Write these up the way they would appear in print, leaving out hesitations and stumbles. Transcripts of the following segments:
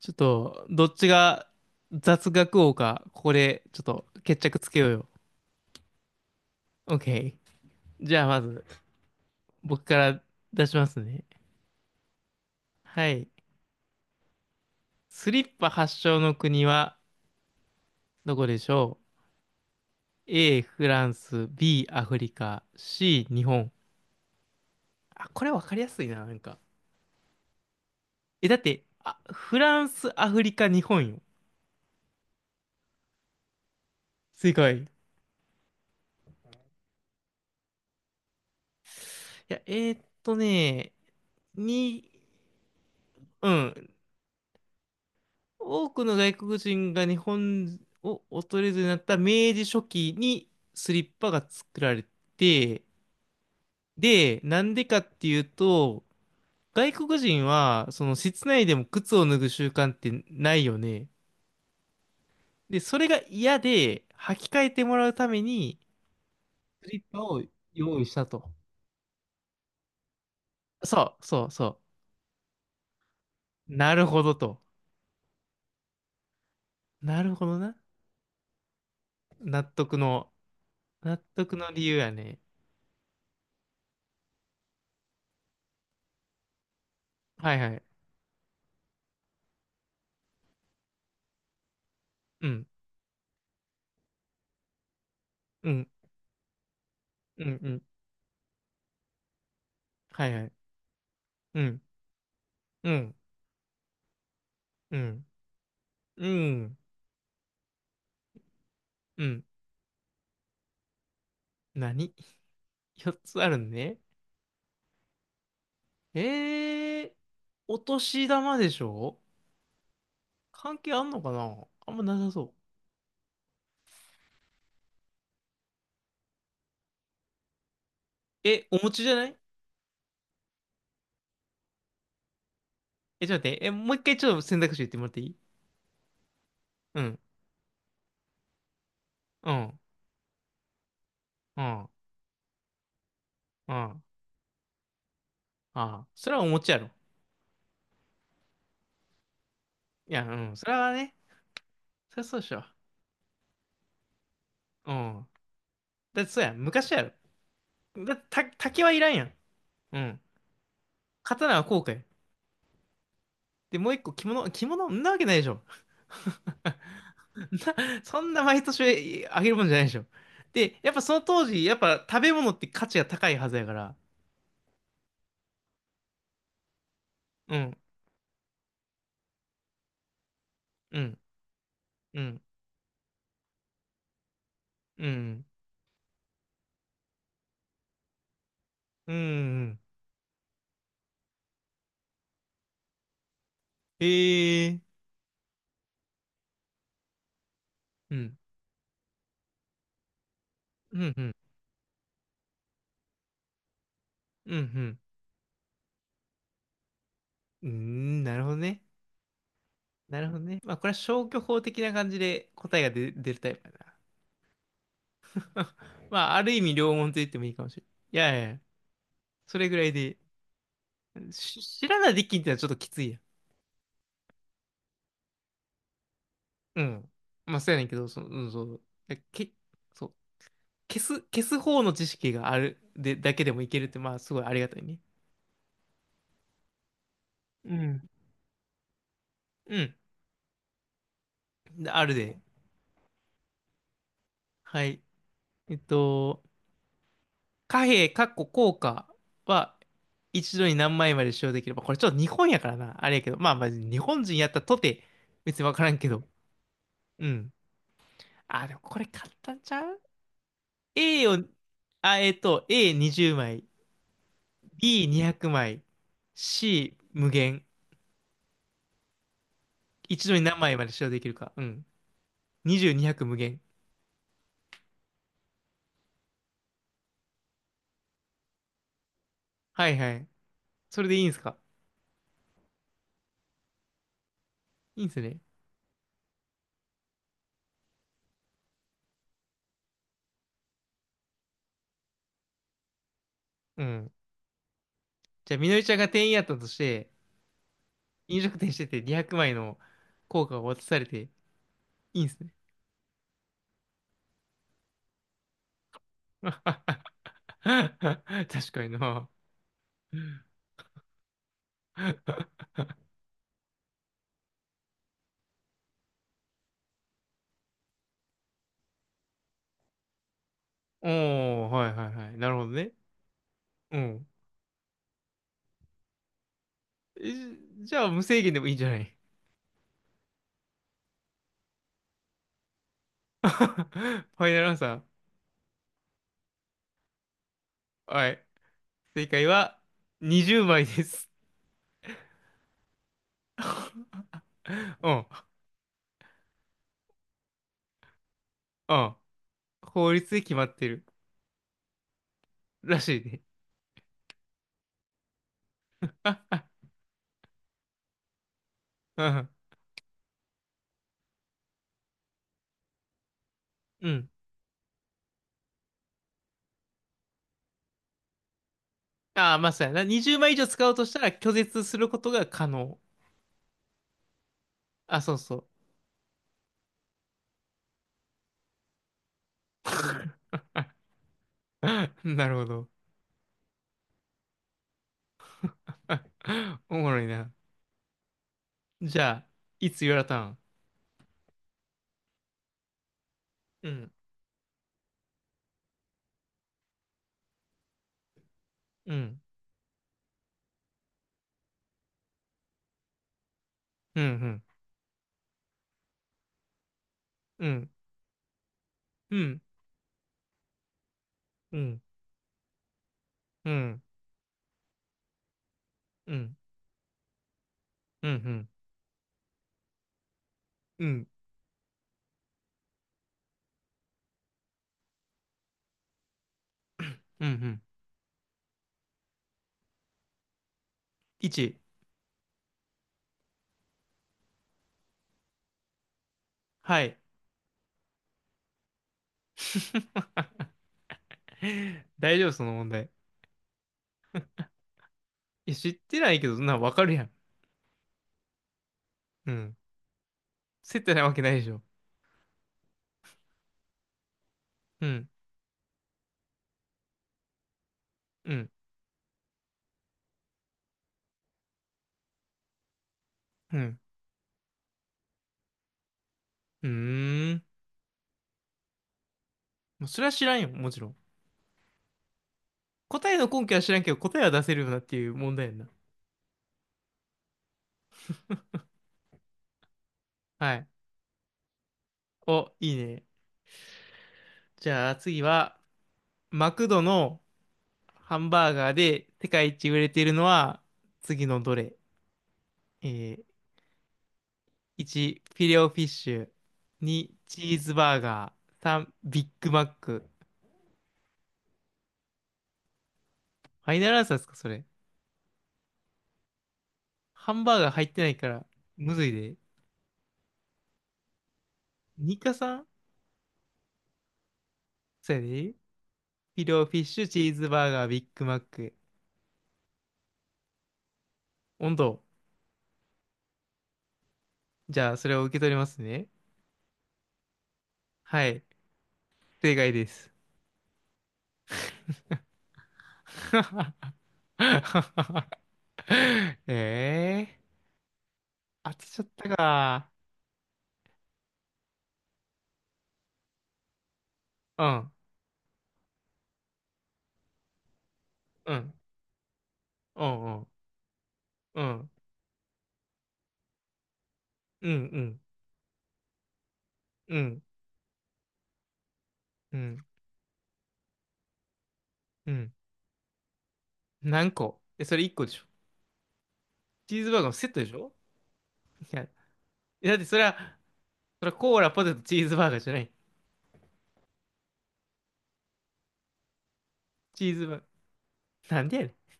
ちょっと、どっちが雑学王か、ここでちょっと決着つけようよ。OK。じゃあまず、僕から出しますね。はい。スリッパ発祥の国はどこでしょう？ A、フランス、B、アフリカ、C、日本。あ、これわかりやすいな、なんか。え、だって、あ、フランス、アフリカ、日本よ。正解。いや、に、うん。多くの外国人が日本を訪れずになった明治初期にスリッパが作られて、で、なんでかっていうと、外国人はその室内でも靴を脱ぐ習慣ってないよね。で、それが嫌で履き替えてもらうためにスリッパを用意したと。そうそうそう。なるほどと。なるほどな。納得の、納得の理由やね。はいはい。うん、うん、うん、うん。はいはい。うんうん、うん、うん、うん。何？ 4 つあるね。えー、お年玉でしょ？関係あんのかな？あんまなさそう。え、お餅じゃない？え、ちょっと待って。え、もう一回ちょっと選択肢言ってもらっていい？うん、うん、うん、うん。ああ、それはお餅やろ。いや、うん、それはね、そりゃそうでしょ。うん。だってそうやん、昔やろ。だって、竹はいらんやん。うん。刀はこうかよ。で、もう一個着物、着物んなわけないでしょ。そんな毎年あげるもんじゃないでしょ。で、やっぱその当時、やっぱ食べ物って価値が高いはずやから。うん、うん、うん、うん、うん、うん。へえ、うん、うん、うん、うん、うん。うーん、なるほどね。なるほどね。まあ、これは消去法的な感じで答えが出るタイプやな。まあ、ある意味両門と言ってもいいかもしれない。いやいや、それぐらいで。知らないできんってのはちょっときついやん。うん。まあ、そうやねんけど、その、うん、そう。け、そう。消す方の知識があるで、だけでもいけるって、まあ、すごいありがたいね。うん。うん。であるで。はい。えっと、貨幣、かっこ硬貨は、一度に何枚まで使用できれば、これちょっと日本やからな。あれやけど、まあまあ、日本人やったとて、別にわからんけど。うん。あ、でもこれ簡単ちゃう ?A を、あ、えっと、A20 枚、B200 枚、C 無限。一度に何枚まで使用できるか。うん。20、200無限。はいはい。それでいいんすか？いいんすね。うん。じゃあ、みのりちゃんが店員やったとして、飲食店してて200枚の硬貨を渡されて、いいんすね。確かにな。おー、はいはいはい。なるほどね。うん。じゃあ、無制限でもいいんじゃない？ ファイナルアンサー。はい。正解は、20枚です。うん、うん。法律で決まってるらしいね。うん。ああ、まあそうやな。20枚以上使おうとしたら拒絶することが可能。あ、そうそう。なるほど。おもろいな。じゃあ、いつ言われたん？うん、うん、うん、うん、うん、うん、うん、うん、うん、うん、うん、うん、1、はい。大丈夫、その問題。いや、知ってないけど、な、わかるやん。うん。接待ないわけないでしょ。うん、うん、うん。うーん。もうそれは知らんよ、もちろん。答えの根拠は知らんけど、答えは出せるよなっていう問題やんな。はい。お、いいね。じゃあ次は、マクドのハンバーガーで世界一売れているのは、次のどれ？えー、1、フィレオフィッシュ。2、チーズバーガー。3、ビッグマック。ファイナルアンサーですか、それ。ハンバーガー入ってないから、むずいで。2か 3？ そうやで。フィレオフィッシュ、チーズバーガー、ビッグマック。温度。じゃあ、それを受け取りますね。はい。正解です。ええー当てちゃったか。うん、うん、うん、うん、うん、うん、うん、うん、うん。何個？え、それ1個でしょ？チーズバーガーのセットでしょ？いや、だってそれは、それはコーラ、ポテト、チーズバーガーじゃない。チーズバーガー。なんでやねん。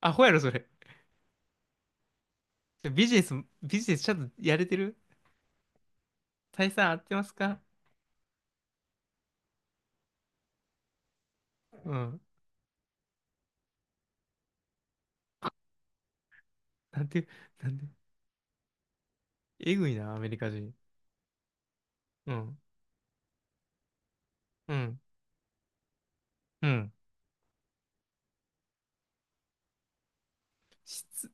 アホやろ、それ。ビジネス、ビジネスちゃんとやれてる？大佐合ってますか？うん。なんて、なんで、えぐいな、アメリカ人。うん、うん、うん。質？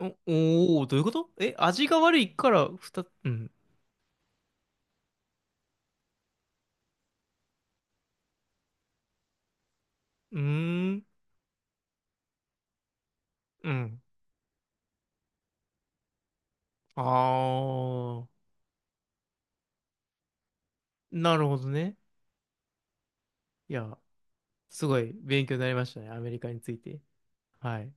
お、おー、どういうこと？え、味が悪いからふた、うん。うーん。うん。ああ、なるほどね。いや、すごい勉強になりましたね。アメリカについて。はい。